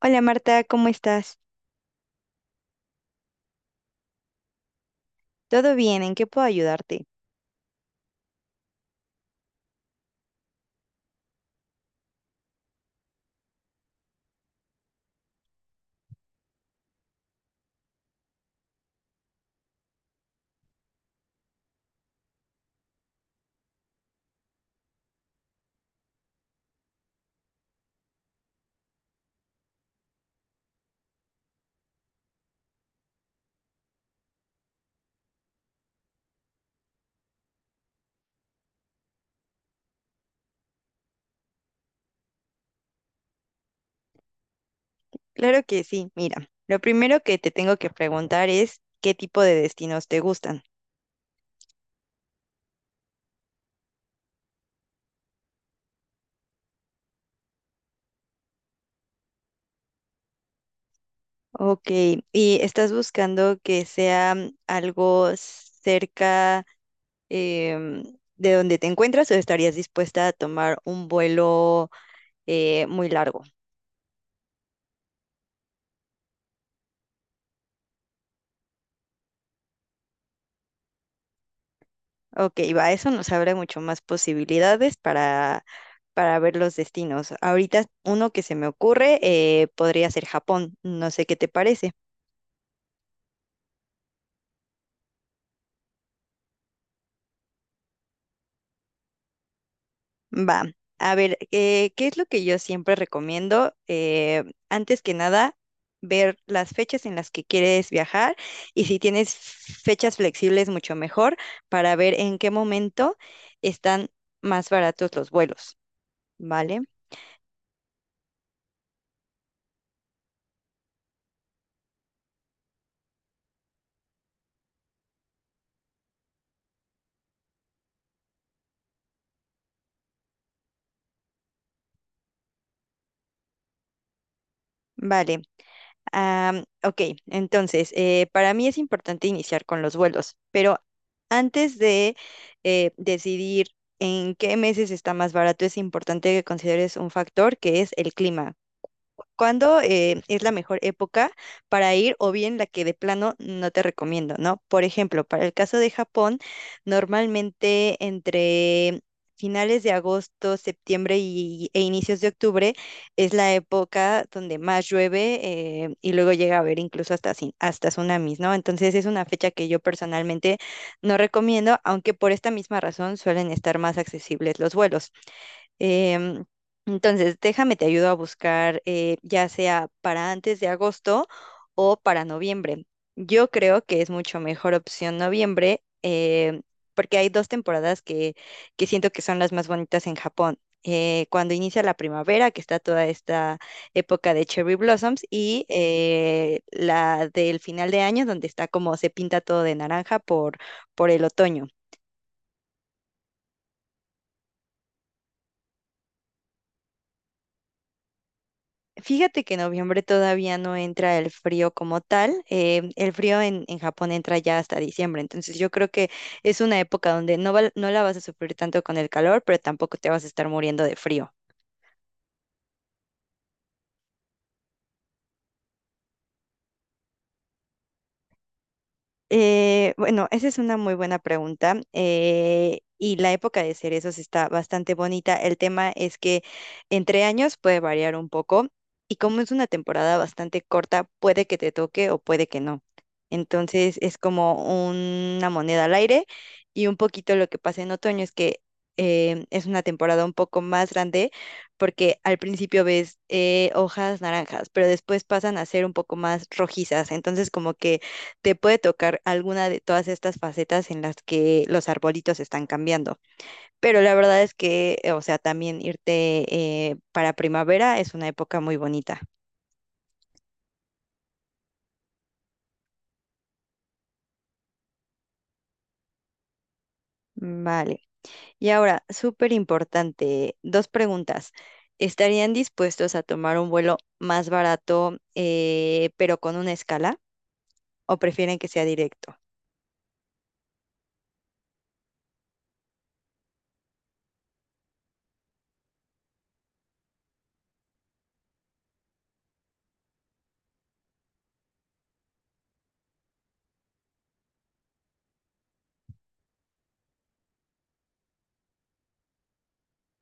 Hola Marta, ¿cómo estás? ¿Todo bien? ¿En qué puedo ayudarte? Claro que sí, mira, lo primero que te tengo que preguntar es qué tipo de destinos te gustan. Ok, ¿y estás buscando que sea algo cerca em, de donde te encuentras o estarías dispuesta a tomar un vuelo muy largo? Ok, va, eso nos abre mucho más posibilidades para ver los destinos. Ahorita uno que se me ocurre podría ser Japón, no sé qué te parece. Va, a ver, ¿qué es lo que yo siempre recomiendo? Antes que nada, ver las fechas en las que quieres viajar y si tienes fechas flexibles, mucho mejor para ver en qué momento están más baratos los vuelos, ¿vale? Vale. Ok, entonces, para mí es importante iniciar con los vuelos, pero antes de decidir en qué meses está más barato, es importante que consideres un factor que es el clima. ¿Cuándo es la mejor época para ir o bien la que de plano no te recomiendo, ¿no? Por ejemplo, para el caso de Japón, normalmente entre finales de agosto, septiembre e inicios de octubre es la época donde más llueve y luego llega a haber incluso hasta tsunamis, ¿no? Entonces es una fecha que yo personalmente no recomiendo, aunque por esta misma razón suelen estar más accesibles los vuelos. Em, entonces, déjame, te ayudo a buscar ya sea para antes de agosto o para noviembre. Yo creo que es mucho mejor opción noviembre porque hay dos temporadas que siento que son las más bonitas en Japón. Cuando inicia la primavera, que está toda esta época de cherry blossoms, y la del final de año, donde está como se pinta todo de naranja por el otoño. Fíjate que en noviembre todavía no entra el frío como tal. El frío en Japón entra ya hasta diciembre. Entonces yo creo que es una época donde no la vas a sufrir tanto con el calor, pero tampoco te vas a estar muriendo de frío. Bueno, esa es una muy buena pregunta. Y la época de cerezos está bastante bonita. El tema es que entre años puede variar un poco. Y como es una temporada bastante corta, puede que te toque o puede que no. Entonces es como una moneda al aire. Y un poquito lo que pasa en otoño es que es una temporada un poco más grande porque al principio ves hojas naranjas, pero después pasan a ser un poco más rojizas. Entonces como que te puede tocar alguna de todas estas facetas en las que los arbolitos están cambiando. Pero la verdad es que, o sea, también irte para primavera es una época muy bonita. Vale. Y ahora, súper importante, dos preguntas. ¿Estarían dispuestos a tomar un vuelo más barato, pero con una escala? ¿O prefieren que sea directo?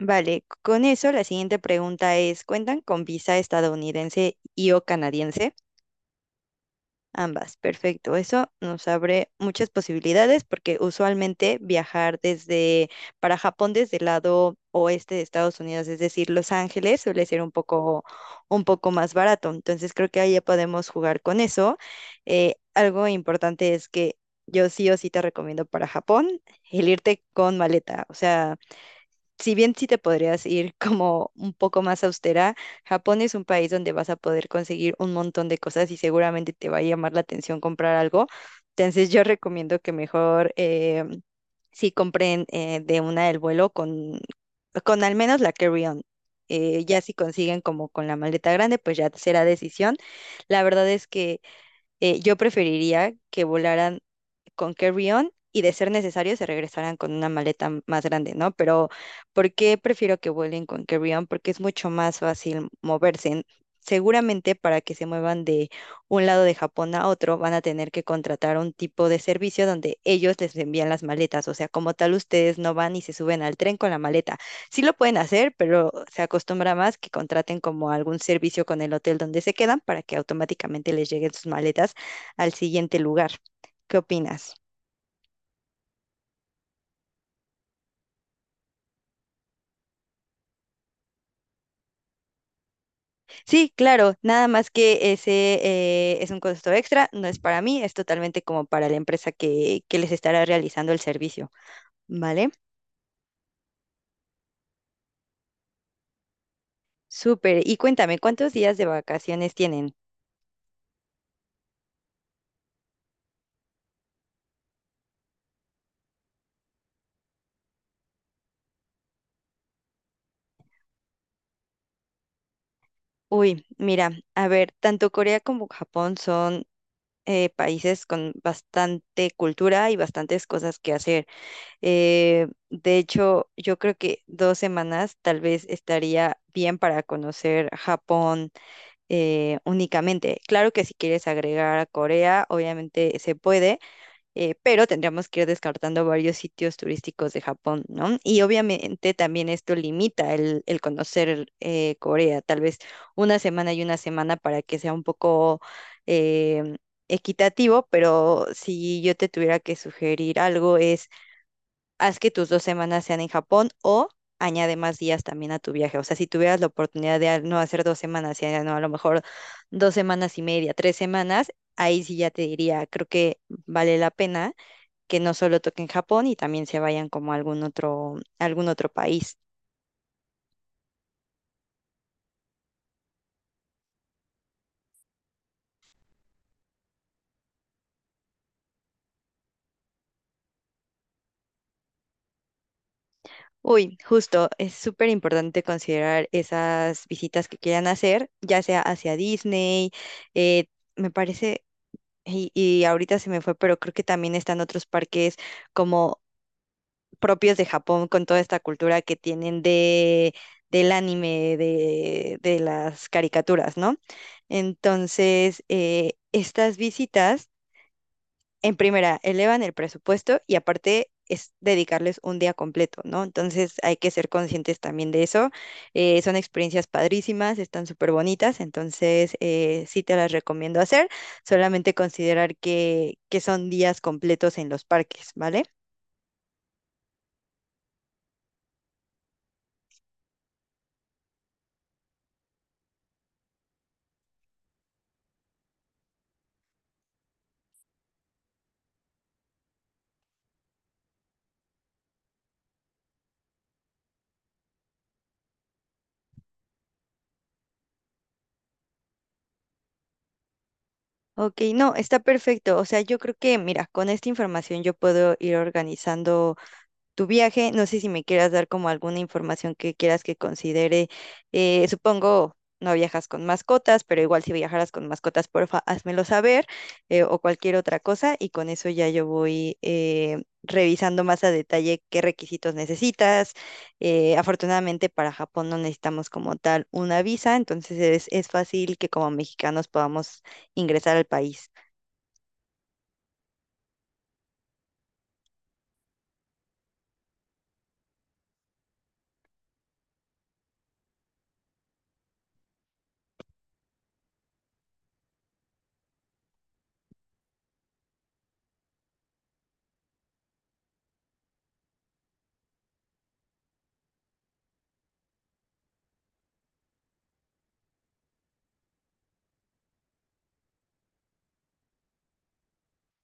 Vale, con eso la siguiente pregunta es, ¿cuentan con visa estadounidense y o canadiense? Ambas, perfecto. Eso nos abre muchas posibilidades porque usualmente viajar desde para Japón desde el lado oeste de Estados Unidos, es decir, Los Ángeles, suele ser un poco más barato. Entonces creo que ahí ya podemos jugar con eso. Algo importante es que yo sí o sí te recomiendo para Japón el irte con maleta. O sea, si bien sí te podrías ir como un poco más austera, Japón es un país donde vas a poder conseguir un montón de cosas y seguramente te va a llamar la atención comprar algo. Entonces yo recomiendo que mejor sí compren de una del vuelo con al menos la carry-on. Ya si consiguen como con la maleta grande, pues ya será decisión. La verdad es que yo preferiría que volaran con carry-on y de ser necesario se regresarán con una más grande, ¿no? Pero ¿por qué prefiero que vuelen con carry-on? Porque es mucho más fácil moverse. Seguramente para que se muevan de un lado de Japón a otro van a tener que contratar un tipo de servicio donde ellos les envían las maletas. O sea, como tal, ustedes no van y se suben al tren con la maleta. Sí lo pueden hacer, pero se acostumbra más que contraten como algún servicio con el hotel donde se quedan para que automáticamente les lleguen sus maletas al siguiente lugar. ¿Qué opinas? Sí, claro, nada más que ese es un costo extra, no es para mí, es totalmente como para la empresa que les estará realizando el servicio, ¿vale? Súper, y cuéntame, ¿cuántos días de vacaciones tienen? Uy, mira, a ver, tanto Corea como Japón son países con bastante cultura y bastantes cosas que hacer. De hecho, yo creo que dos semanas tal vez estaría bien para conocer Japón únicamente. Claro que si quieres agregar a Corea, obviamente se puede, pero tendríamos que ir descartando varios sitios turísticos de Japón, ¿no? Y obviamente también esto limita el conocer Corea, tal vez una semana y una semana para que sea un poco... em, equitativo, pero si yo te tuviera que sugerir algo es haz que tus dos semanas sean en Japón o añade más días también a tu viaje. O sea, si tuvieras la oportunidad de no hacer dos semanas, sino a lo mejor dos semanas y media, tres semanas, ahí sí ya te diría, creo que vale la pena que no solo toquen Japón y también se vayan como a algún otro país. Uy, justo, es súper importante considerar esas visitas que quieran hacer, ya sea hacia Disney, eh, me parece, y ahorita se me fue, pero creo que también están otros parques como propios de Japón con toda esta cultura que tienen del anime, de las caricaturas, ¿no? Entonces, estas visitas, en primera, elevan el presupuesto y aparte es dedicarles un día completo, ¿no? Entonces hay que ser conscientes también de eso. Son experiencias padrísimas, están súper bonitas, entonces sí te las recomiendo hacer, solamente considerar que son días completos en los parques, ¿vale? Ok, no, está perfecto. O sea, yo creo que, mira, con esta información yo puedo ir organizando tu viaje. No sé si me quieras dar como alguna información que quieras que considere. Supongo no viajas con mascotas, pero igual si viajaras con mascotas, porfa, házmelo saber o cualquier otra cosa y con eso ya yo voy revisando más a detalle qué requisitos necesitas. Afortunadamente para Japón no necesitamos como tal una visa, entonces es fácil que como mexicanos podamos ingresar al país.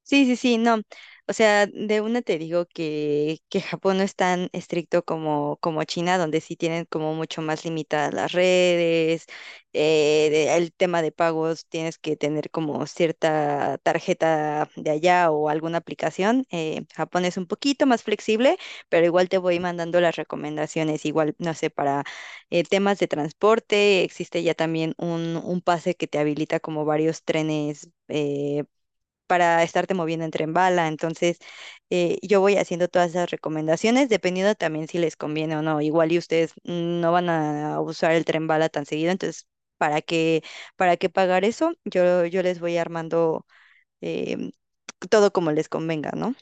Sí, sí, sí, no. O sea, de una te digo que Japón no es tan estricto como, como China, donde sí tienen como mucho más limitadas las redes, el tema de pagos, tienes que tener como cierta tarjeta de allá o alguna aplicación. Japón es un poquito más flexible, pero igual te voy mandando las recomendaciones, igual, no sé, para temas de transporte, existe ya también un pase que te habilita como varios trenes. Para estarte moviendo en tren bala. Entonces, yo voy haciendo todas esas recomendaciones, dependiendo también si les conviene o no. Igual y ustedes no van a usar el tren bala tan seguido, entonces, ¿para qué, ¿para qué pagar eso? Yo les voy armando em, todo como les convenga, ¿no?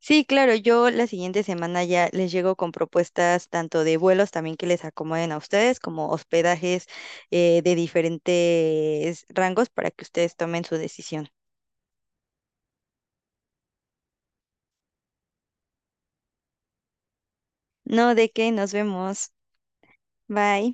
Sí, claro, yo la siguiente semana ya les llego con propuestas tanto de vuelos también que les acomoden a ustedes, como hospedajes de diferentes rangos para que ustedes tomen su decisión. No, de qué, nos vemos. Bye.